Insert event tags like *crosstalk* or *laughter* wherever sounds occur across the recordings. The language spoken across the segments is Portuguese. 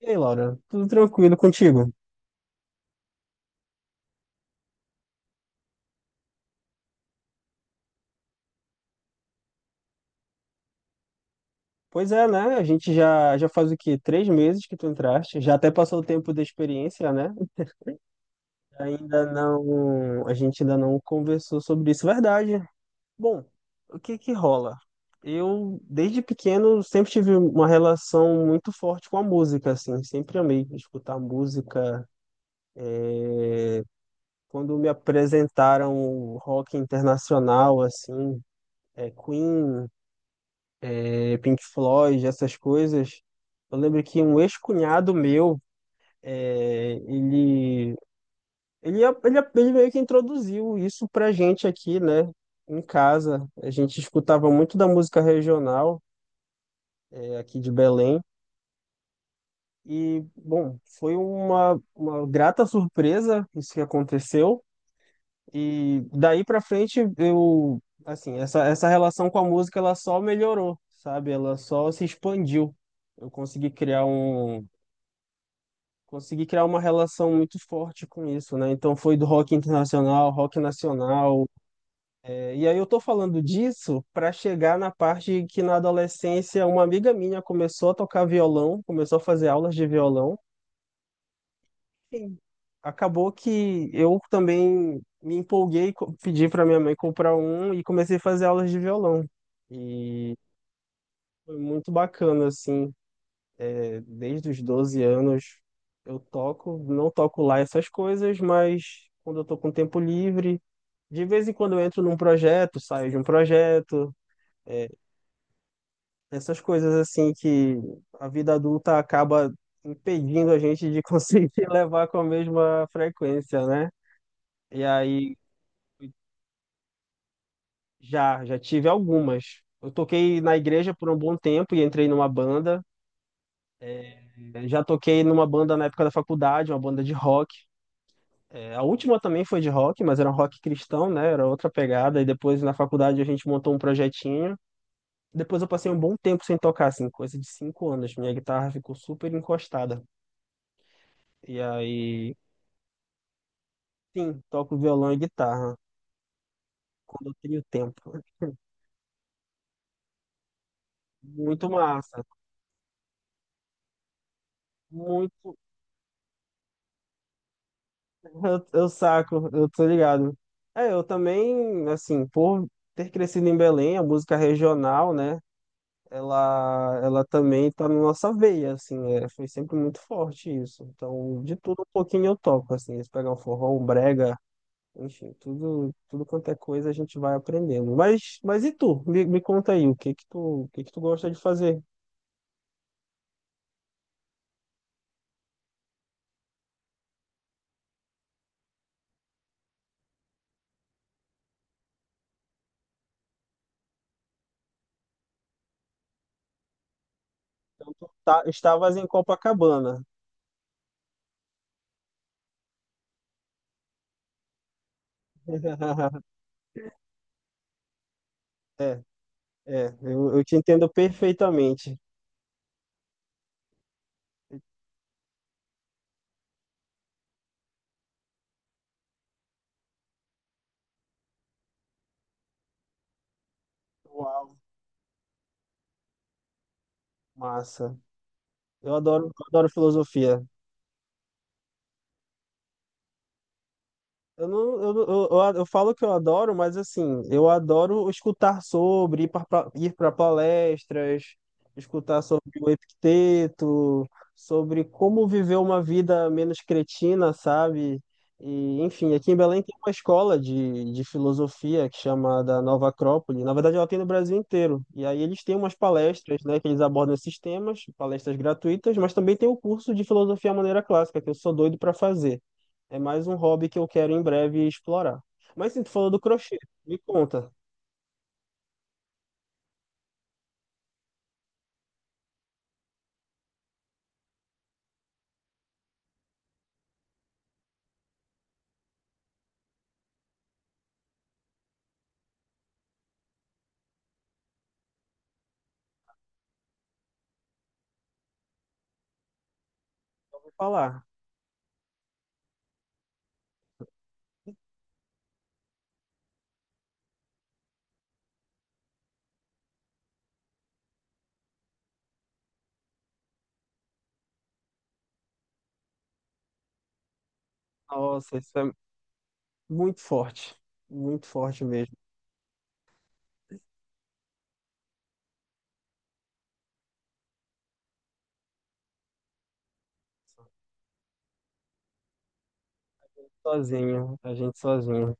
E aí, Laura, tudo tranquilo contigo? Pois é, né? A gente já faz o quê? Três meses que tu entraste, já até passou o tempo da experiência, né? Ainda não, a gente ainda não conversou sobre isso, verdade. Bom, o que que rola? Eu, desde pequeno, sempre tive uma relação muito forte com a música, assim, sempre amei escutar música. Quando me apresentaram o rock internacional, assim, Queen, Pink Floyd, essas coisas. Eu lembro que um ex-cunhado meu, é, ele, ele meio que introduziu isso pra gente aqui, né? Em casa. A gente escutava muito da música regional, aqui de Belém. E, bom, foi uma grata surpresa isso que aconteceu. E daí pra frente eu, assim, essa relação com a música ela só melhorou, sabe? Ela só se expandiu. Eu consegui criar uma relação muito forte com isso, né? Então foi do rock internacional, rock nacional. E aí eu tô falando disso para chegar na parte que na adolescência uma amiga minha começou a tocar violão, começou a fazer aulas de violão. Sim. Acabou que eu também me empolguei, pedi para minha mãe comprar um e comecei a fazer aulas de violão. E foi muito bacana, assim. Desde os 12 anos eu toco, não toco lá essas coisas, mas quando eu tô com tempo livre, de vez em quando eu entro num projeto, saio de um projeto, é, essas coisas assim que a vida adulta acaba impedindo a gente de *laughs* conseguir levar com a mesma frequência, né? E aí já tive algumas. Eu toquei na igreja por um bom tempo e entrei numa banda. é, já toquei numa banda na época da faculdade, uma banda de rock. A última também foi de rock, mas era um rock cristão, né? Era outra pegada. E depois na faculdade a gente montou um projetinho. Depois eu passei um bom tempo sem tocar, assim, coisa de 5 anos. Minha guitarra ficou super encostada. E aí, sim, toco violão e guitarra quando eu tenho tempo. Muito massa. Muito. Eu saco, eu tô ligado. Eu também, assim, por ter crescido em Belém, a música regional, né? Ela também tá na nossa veia, assim, foi sempre muito forte isso. Então, de tudo um pouquinho eu toco, assim, se pegar um forró, um brega, enfim, tudo quanto é coisa a gente vai aprendendo. Mas e tu? Me conta aí, o que que tu gosta de fazer? Então, tu estavas em Copacabana. *laughs* É, é, eu te entendo perfeitamente. Uau, massa. Eu adoro filosofia. Eu, não, eu, não- eu falo que eu adoro, mas assim, eu adoro escutar sobre, ir para palestras, escutar sobre o Epicteto, sobre como viver uma vida menos cretina, sabe? E, enfim, aqui em Belém tem uma escola de filosofia que chama da Nova Acrópole. Na verdade, ela tem no Brasil inteiro. E aí eles têm umas palestras, né, que eles abordam esses temas, palestras gratuitas, mas também tem o curso de filosofia à maneira clássica, que eu sou doido para fazer. É mais um hobby que eu quero em breve explorar. Mas sim, tu falou do crochê. Me conta. Vou falar. Nossa, isso é muito forte. Muito forte mesmo. Sozinho, a gente sozinho.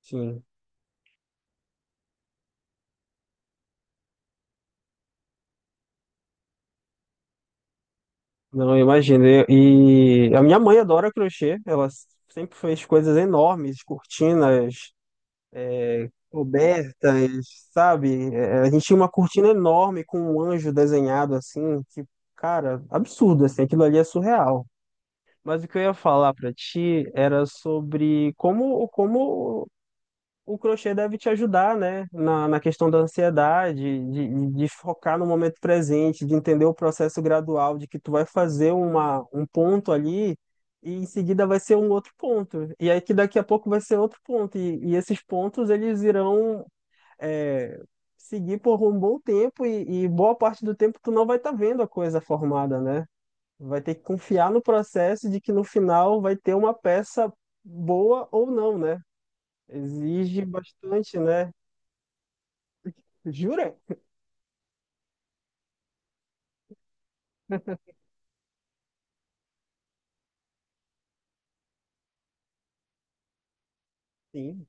Sim. Não, eu imagino. E a minha mãe adora crochê. Ela sempre fez coisas enormes, cortinas, cobertas, sabe? A gente tinha uma cortina enorme com um anjo desenhado assim, tipo, cara, absurdo, assim. Aquilo ali é surreal. Mas o que eu ia falar para ti era sobre como o crochê deve te ajudar, né? Na questão da ansiedade, de focar no momento presente, de entender o processo gradual, de que tu vai fazer um ponto ali e em seguida vai ser um outro ponto. E aí que daqui a pouco vai ser outro ponto. E esses pontos, eles irão... é, seguir por um bom tempo e boa parte do tempo tu não vai estar vendo a coisa formada, né? Vai ter que confiar no processo de que no final vai ter uma peça boa ou não, né? Exige bastante, né? Jura? Sim.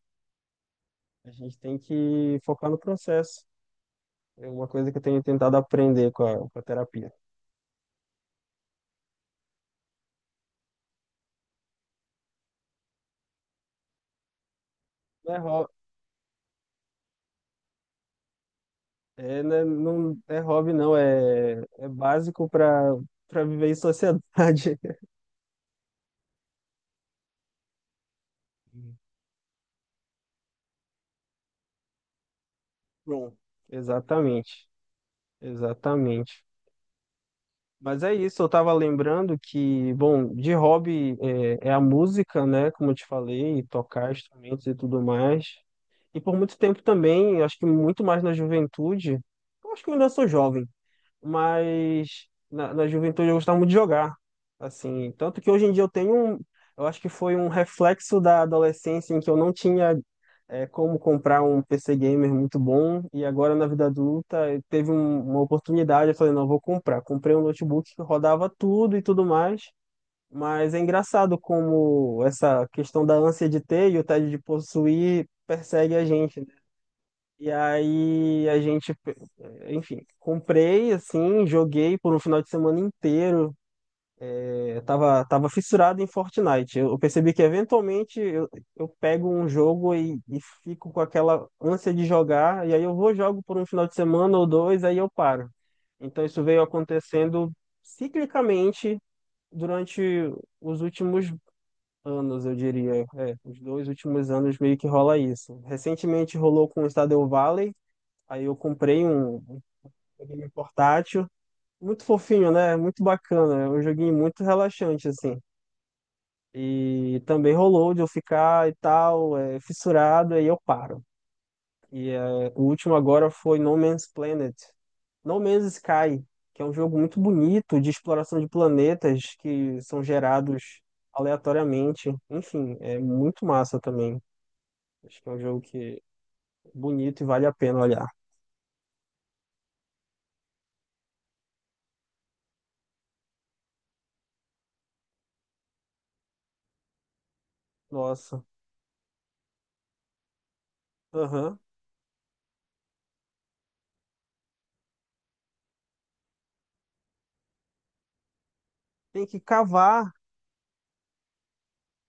A gente tem que focar no processo. É uma coisa que eu tenho tentado aprender com a terapia. Não é hobby, é, né, não é hobby, não. É básico para viver em sociedade. *laughs* Bom, exatamente. Exatamente. Mas é isso, eu tava lembrando que, bom, de hobby é a música, né? Como eu te falei, tocar instrumentos e tudo mais. E por muito tempo também, acho que muito mais na juventude, eu acho que eu ainda sou jovem, mas na juventude eu gostava muito de jogar, assim, tanto que hoje em dia eu acho que foi um reflexo da adolescência em que eu não tinha como comprar um PC gamer muito bom e agora na vida adulta teve uma oportunidade, eu falei, não, eu vou comprar. Comprei um notebook que rodava tudo e tudo mais, mas é engraçado como essa questão da ânsia de ter e o tédio de possuir persegue a gente, e aí a gente, enfim, comprei assim, joguei por um final de semana inteiro. Eu tava fissurado em Fortnite. Eu percebi que eventualmente eu pego um jogo e fico com aquela ânsia de jogar, e aí eu vou jogo por um final de semana ou dois, aí eu paro. Então isso veio acontecendo ciclicamente durante os últimos anos, eu diria. Os dois últimos anos meio que rola isso. Recentemente rolou com o Stardew Valley. Aí eu comprei um joguinho portátil, muito fofinho, né? Muito bacana, é um joguinho muito relaxante, assim. E também rolou de eu ficar e tal, fissurado, aí eu paro. E o último agora foi No Man's Planet. No Man's Sky, que é um jogo muito bonito de exploração de planetas que são gerados aleatoriamente. Enfim, é muito massa também. Acho que é um jogo que é bonito e vale a pena olhar. Nossa. Aham. Tem que cavar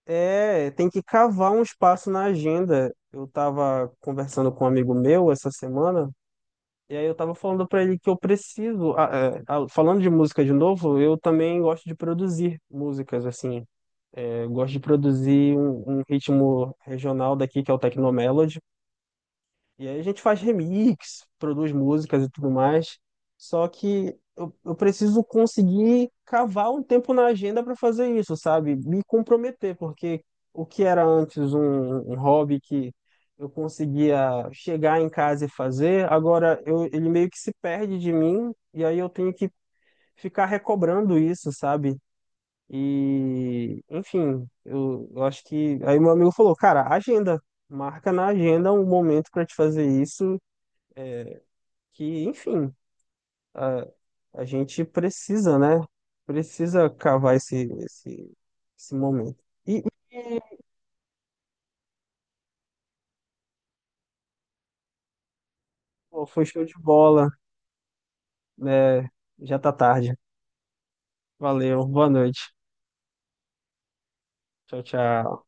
tem que cavar um espaço na agenda. Eu estava conversando com um amigo meu essa semana, e aí eu estava falando para ele que eu preciso. Falando de música de novo, eu também gosto de produzir músicas, assim. Eu gosto de produzir um ritmo regional daqui, que é o Tecnomelody. E aí a gente faz remix, produz músicas e tudo mais. Só que eu preciso conseguir cavar um tempo na agenda para fazer isso, sabe? Me comprometer, porque o que era antes um hobby que eu conseguia chegar em casa e fazer, agora ele meio que se perde de mim, e aí eu tenho que ficar recobrando isso, sabe? E, enfim, eu acho que. Aí meu amigo falou, cara, agenda marca na agenda um momento para te fazer isso é, que, enfim, a, a gente precisa, né? Precisa cavar esse momento. E, e, pô, foi show de bola, né? Já tá tarde. Valeu, boa noite. Tchau, tchau.